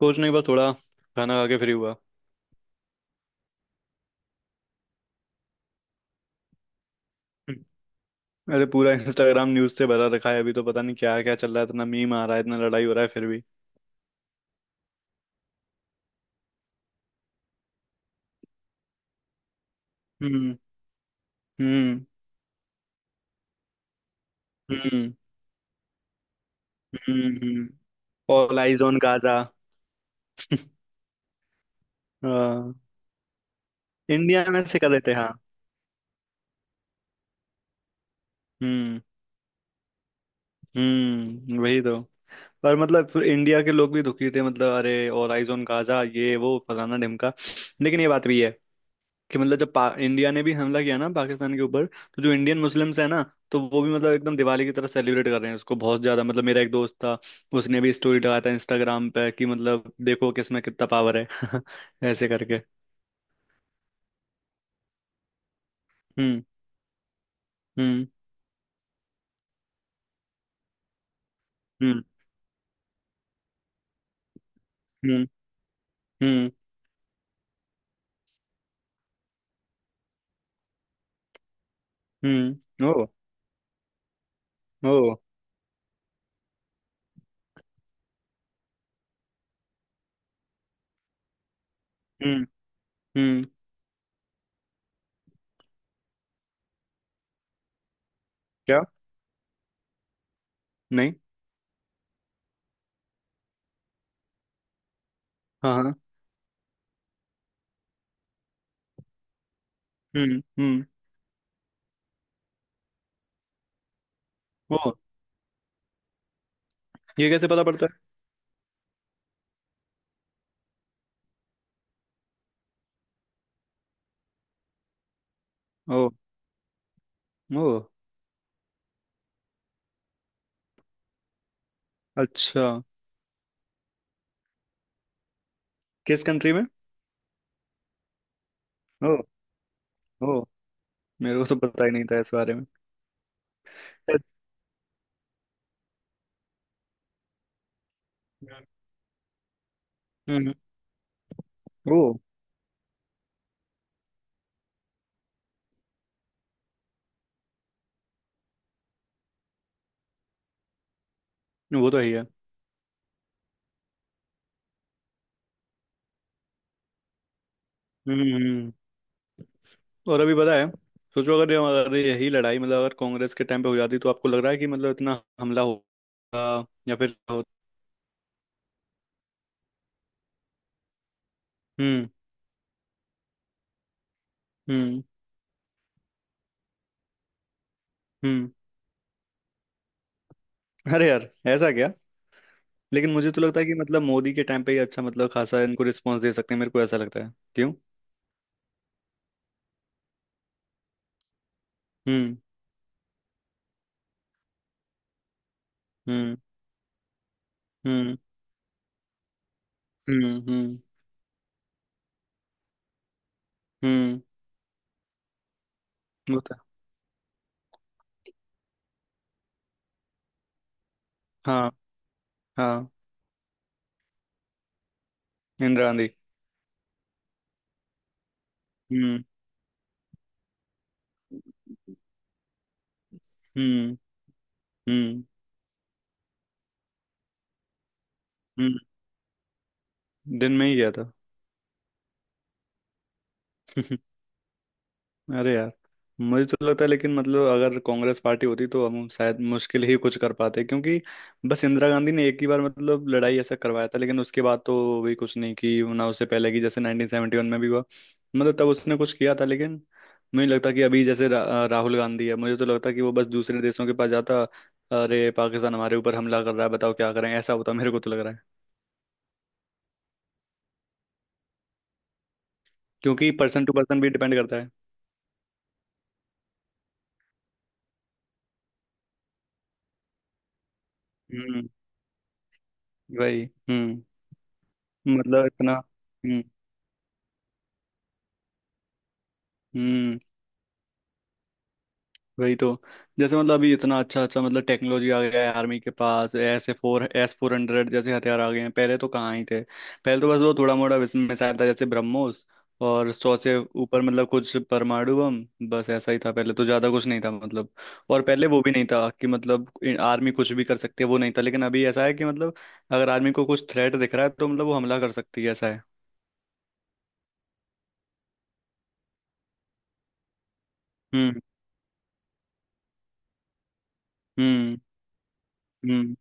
कुछ नहीं बस थोड़ा खाना खा के फ्री हुआ। हम्म। अरे पूरा इंस्टाग्राम न्यूज से भरा रखा है, अभी तो पता नहीं क्या क्या चल रहा है। इतना मीम आ रहा है, इतना लड़ाई हो रहा है फिर भी। हम्म। हम्म। हम्म। हम्म। All eyes on Gaza. हाँ। इंडिया में से कर रहे थे, हाँ। हम्म। हम्म। वही तो। पर मतलब फिर इंडिया के लोग भी दुखी थे, मतलब अरे ऑल आइज ऑन गाजा, ये वो फलाना ढिमका। लेकिन ये बात भी है कि मतलब जब इंडिया ने भी हमला किया ना पाकिस्तान के ऊपर, तो जो इंडियन मुस्लिम्स हैं ना, तो वो भी मतलब एकदम दिवाली की तरह सेलिब्रेट कर रहे हैं उसको, बहुत ज्यादा। मतलब मेरा एक दोस्त था, उसने भी स्टोरी लगाया था इंस्टाग्राम पे, कि मतलब देखो किसमें कितना पावर है। ऐसे करके। हम्म। हम्म। हम्म। हम्म। हम्म। हम्म। ओ। ओ। हम्म। हम्म। क्या। नहीं। हाँ, हाँ। हम्म। हम्म। ओ। ये कैसे पता पड़ता है। ओ। ओ। अच्छा। किस कंट्री में। ओ। ओ। मेरे को तो पता ही नहीं था इस बारे में। हम्म। वो वो तो है ही है। हम्म। हम्म। और अभी पता है, सोचो अगर अगर यही लड़ाई, मतलब अगर कांग्रेस के टाइम पे हो जाती, तो आपको लग रहा है कि मतलब इतना हमला होगा या फिर। हम्म। हम्म। हम्म। अरे यार ऐसा क्या। लेकिन मुझे तो लगता है कि मतलब मोदी के टाइम पे ही अच्छा मतलब खासा इनको रिस्पॉन्स दे सकते हैं, मेरे को ऐसा लगता है, क्यों। हम्म। हम्म। हम्म। हम्म। हम्म। हम्म। वो तो। हाँ, हाँ। इंदिरा गांधी। हम्म। हम्म। हम्म। हम्म। दिन में ही गया था। अरे यार। मुझे तो लगता है, लेकिन मतलब अगर कांग्रेस पार्टी होती तो हम शायद मुश्किल ही कुछ कर पाते, क्योंकि बस इंदिरा गांधी ने एक ही बार मतलब लड़ाई ऐसा करवाया था। लेकिन उसके बाद तो भी कुछ नहीं की ना, उससे पहले की, जैसे 1971 में भी हुआ, मतलब तब उसने कुछ किया था। लेकिन मुझे लगता कि अभी जैसे राहुल गांधी है, मुझे तो लगता कि वो बस दूसरे देशों के पास जाता, अरे पाकिस्तान हमारे ऊपर हमला कर रहा है, बताओ क्या करें, ऐसा होता, मेरे को तो लग रहा है। क्योंकि पर्सन टू पर्सन भी डिपेंड करता है। हम्म। वही। हम्म। मतलब इतना। हम्म। हम्म। वही तो। जैसे मतलब अभी इतना अच्छा अच्छा मतलब टेक्नोलॉजी आ गया है, आर्मी के पास S A four S four hundred जैसे हथियार आ गए हैं, पहले तो कहाँ ही थे। पहले तो बस वो थोड़ा मोड़ा मिसाइल था, जैसे ब्रह्मोस, और 100 से ऊपर मतलब कुछ परमाणु बम, बस ऐसा ही था, पहले तो ज्यादा कुछ नहीं था मतलब। और पहले वो भी नहीं था कि मतलब आर्मी कुछ भी कर सकती है, वो नहीं था। लेकिन अभी ऐसा है कि मतलब अगर आर्मी को कुछ थ्रेट दिख रहा है तो मतलब वो हमला कर सकती है, ऐसा है। हम्म। हम्म। हम्म।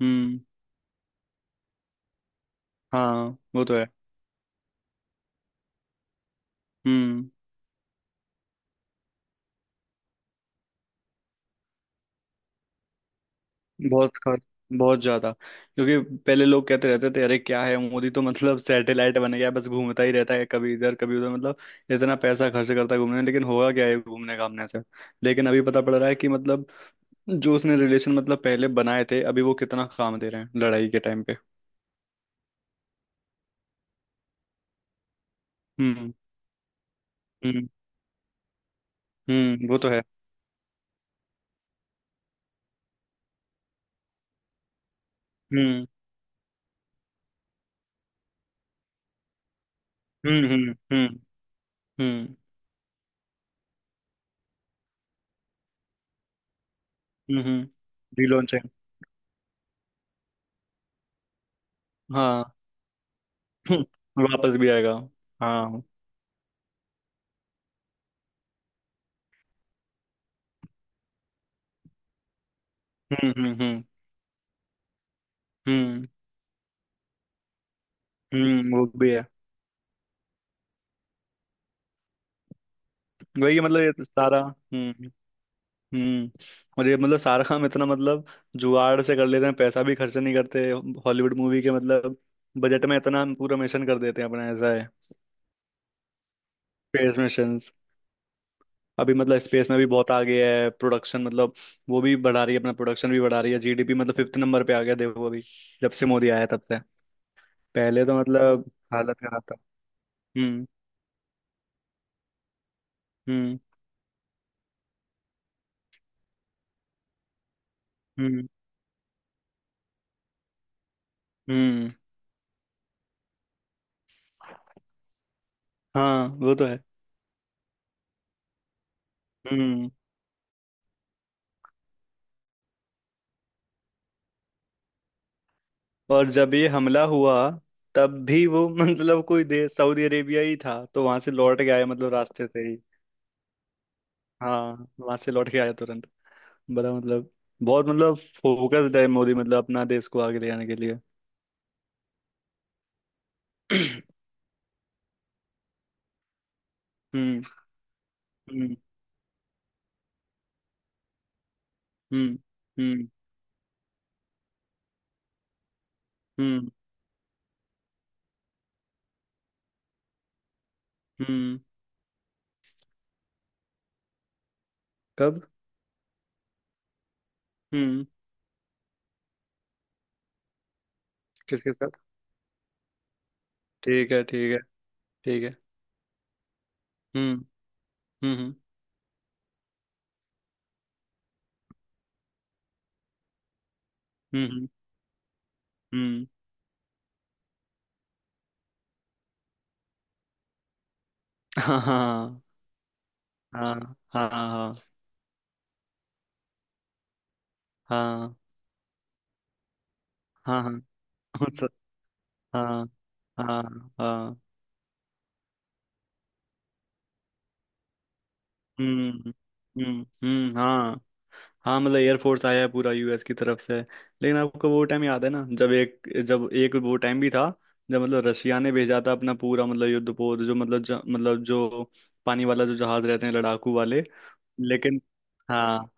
हम्म। हाँ वो तो है। हम्म। बहुत खर्च। बहुत ज्यादा, क्योंकि पहले लोग कहते रहते थे, अरे क्या है मोदी, तो मतलब सैटेलाइट बन गया है, बस घूमता ही रहता है, कभी इधर कभी उधर, मतलब इतना पैसा खर्च करता है घूमने में, लेकिन होगा क्या है घूमने घामने से। लेकिन अभी पता पड़ रहा है कि मतलब जो उसने रिलेशन मतलब पहले बनाए थे, अभी वो कितना काम दे रहे हैं लड़ाई के टाइम पे। हम्म। हम्म। हम्म। वो तो है। हम्म। हम्म। हम्म। हम्म। हम्म। हम्म। हम्म। रिलॉन्च है। हाँ। हम्म, वापस भी आएगा। हाँ। हम्म। हम्म। हम्म। हम्म। हम्म। वो भी है। वही है, मतलब ये तो सारा। हम्म। हम्म। और ये मतलब सारा काम इतना मतलब जुगाड़ से कर लेते हैं, पैसा भी खर्च नहीं करते। हॉलीवुड मूवी के मतलब बजट में इतना पूरा मिशन कर देते हैं अपना, ऐसा है। Space mission. अभी मतलब स्पेस में भी बहुत आगे है। प्रोडक्शन मतलब, वो भी बढ़ा रही है, अपना प्रोडक्शन भी बढ़ा रही है। जीडीपी मतलब फिफ्थ नंबर पे आ गया, देखो अभी, जब से मोदी आया तब से। पहले तो मतलब हालत खराब था। हम्म। हम्म। हम्म। हम्म। हाँ वो तो है। हम्म। और जब ये हमला हुआ तब भी वो मतलब कोई देश, सऊदी अरेबिया ही था, तो वहां से लौट के आया मतलब, रास्ते से ही। हाँ वहां से लौट के आया तुरंत। बड़ा मतलब बहुत मतलब फोकस्ड है मोदी, मतलब अपना देश को आगे ले जाने के लिए। हम्म। हम्म। हम्म। हम्म। हम्म। हम्म। कब। हम्म। किसके साथ। ठीक है, ठीक है। ठीक है। हम्म। हम्म। हम्म। हम्म। हम्म। हाँ हाँ हाँ हाँ, हाँ। हाँ, हाँ। हाँ। हाँ, हाँ। हाँ, हाँ। हाँ। हम्म। हम्म। हम्म। हाँ। हाँ मतलब एयरफोर्स आया है पूरा यूएस की तरफ से। लेकिन आपको वो टाइम याद है ना, जब एक वो टाइम भी था जब मतलब रशिया ने भेजा था अपना पूरा मतलब युद्धपोत, जो मतलब मतलब जो पानी वाला जो जहाज रहते हैं, लड़ाकू वाले। लेकिन। हाँ।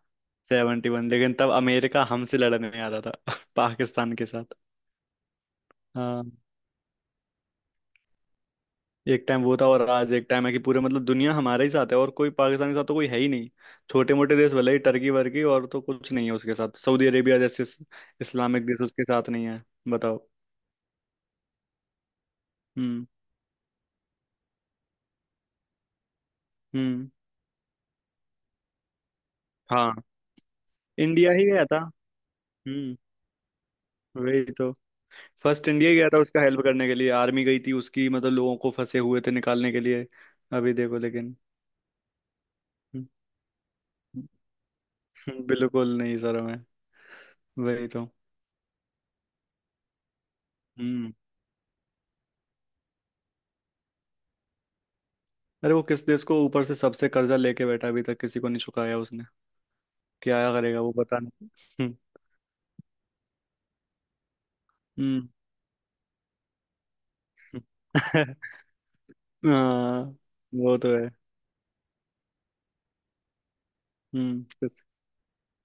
71, लेकिन तब अमेरिका हमसे लड़ने आ रहा था पाकिस्तान के साथ। हाँ। एक टाइम वो था, और आज एक टाइम है कि पूरे मतलब दुनिया हमारे ही साथ है, और कोई पाकिस्तान के साथ तो कोई है ही नहीं। छोटे मोटे देश भले ही, टर्की वर्की, और तो कुछ नहीं है उसके साथ। सऊदी अरेबिया जैसे इस्लामिक देश उसके साथ नहीं है। बताओ। हम्म। हम्म। हाँ इंडिया ही गया था। हम्म। वही तो। फर्स्ट इंडिया ही गया था उसका हेल्प करने के लिए, आर्मी गई थी उसकी, मतलब लोगों को फंसे हुए थे निकालने के लिए। अभी देखो लेकिन। बिल्कुल नहीं सर मैं। वही तो। हम्म। अरे वो किस देश को ऊपर से सबसे कर्जा लेके बैठा, अभी तक किसी को नहीं चुकाया उसने। क्या करेगा वो, पता नहीं। हम्म। हम्म। हाँ। वो तो है। कुछ-।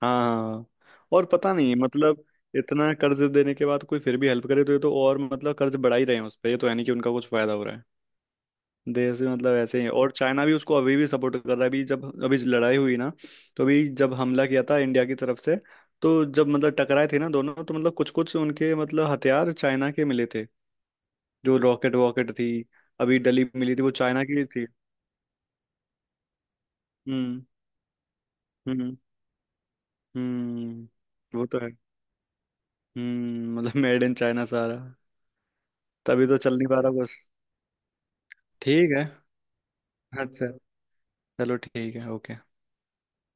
हाँ। हाँ। और पता नहीं मतलब इतना कर्ज देने के बाद कोई फिर भी हेल्प करे, तो ये तो और मतलब कर्ज बढ़ा ही रहे हैं उस पर, ये तो है नहीं कि उनका कुछ फायदा हो रहा है देश में, मतलब ऐसे ही। और चाइना भी उसको अभी भी सपोर्ट कर रहा है। अभी जब अभी लड़ाई हुई ना, तो अभी जब हमला किया था इंडिया की तरफ से, तो जब मतलब टकराए थे ना दोनों, तो मतलब कुछ कुछ उनके मतलब हथियार चाइना के मिले थे। जो रॉकेट वॉकेट थी अभी डली मिली थी, वो चाइना की थी। हम्म। हम्म। हम्म। वो तो है। मतलब मेड इन चाइना सारा। तभी तो चल नहीं पा रहा कुछ। ठीक है। अच्छा। चलो ठीक है, ओके।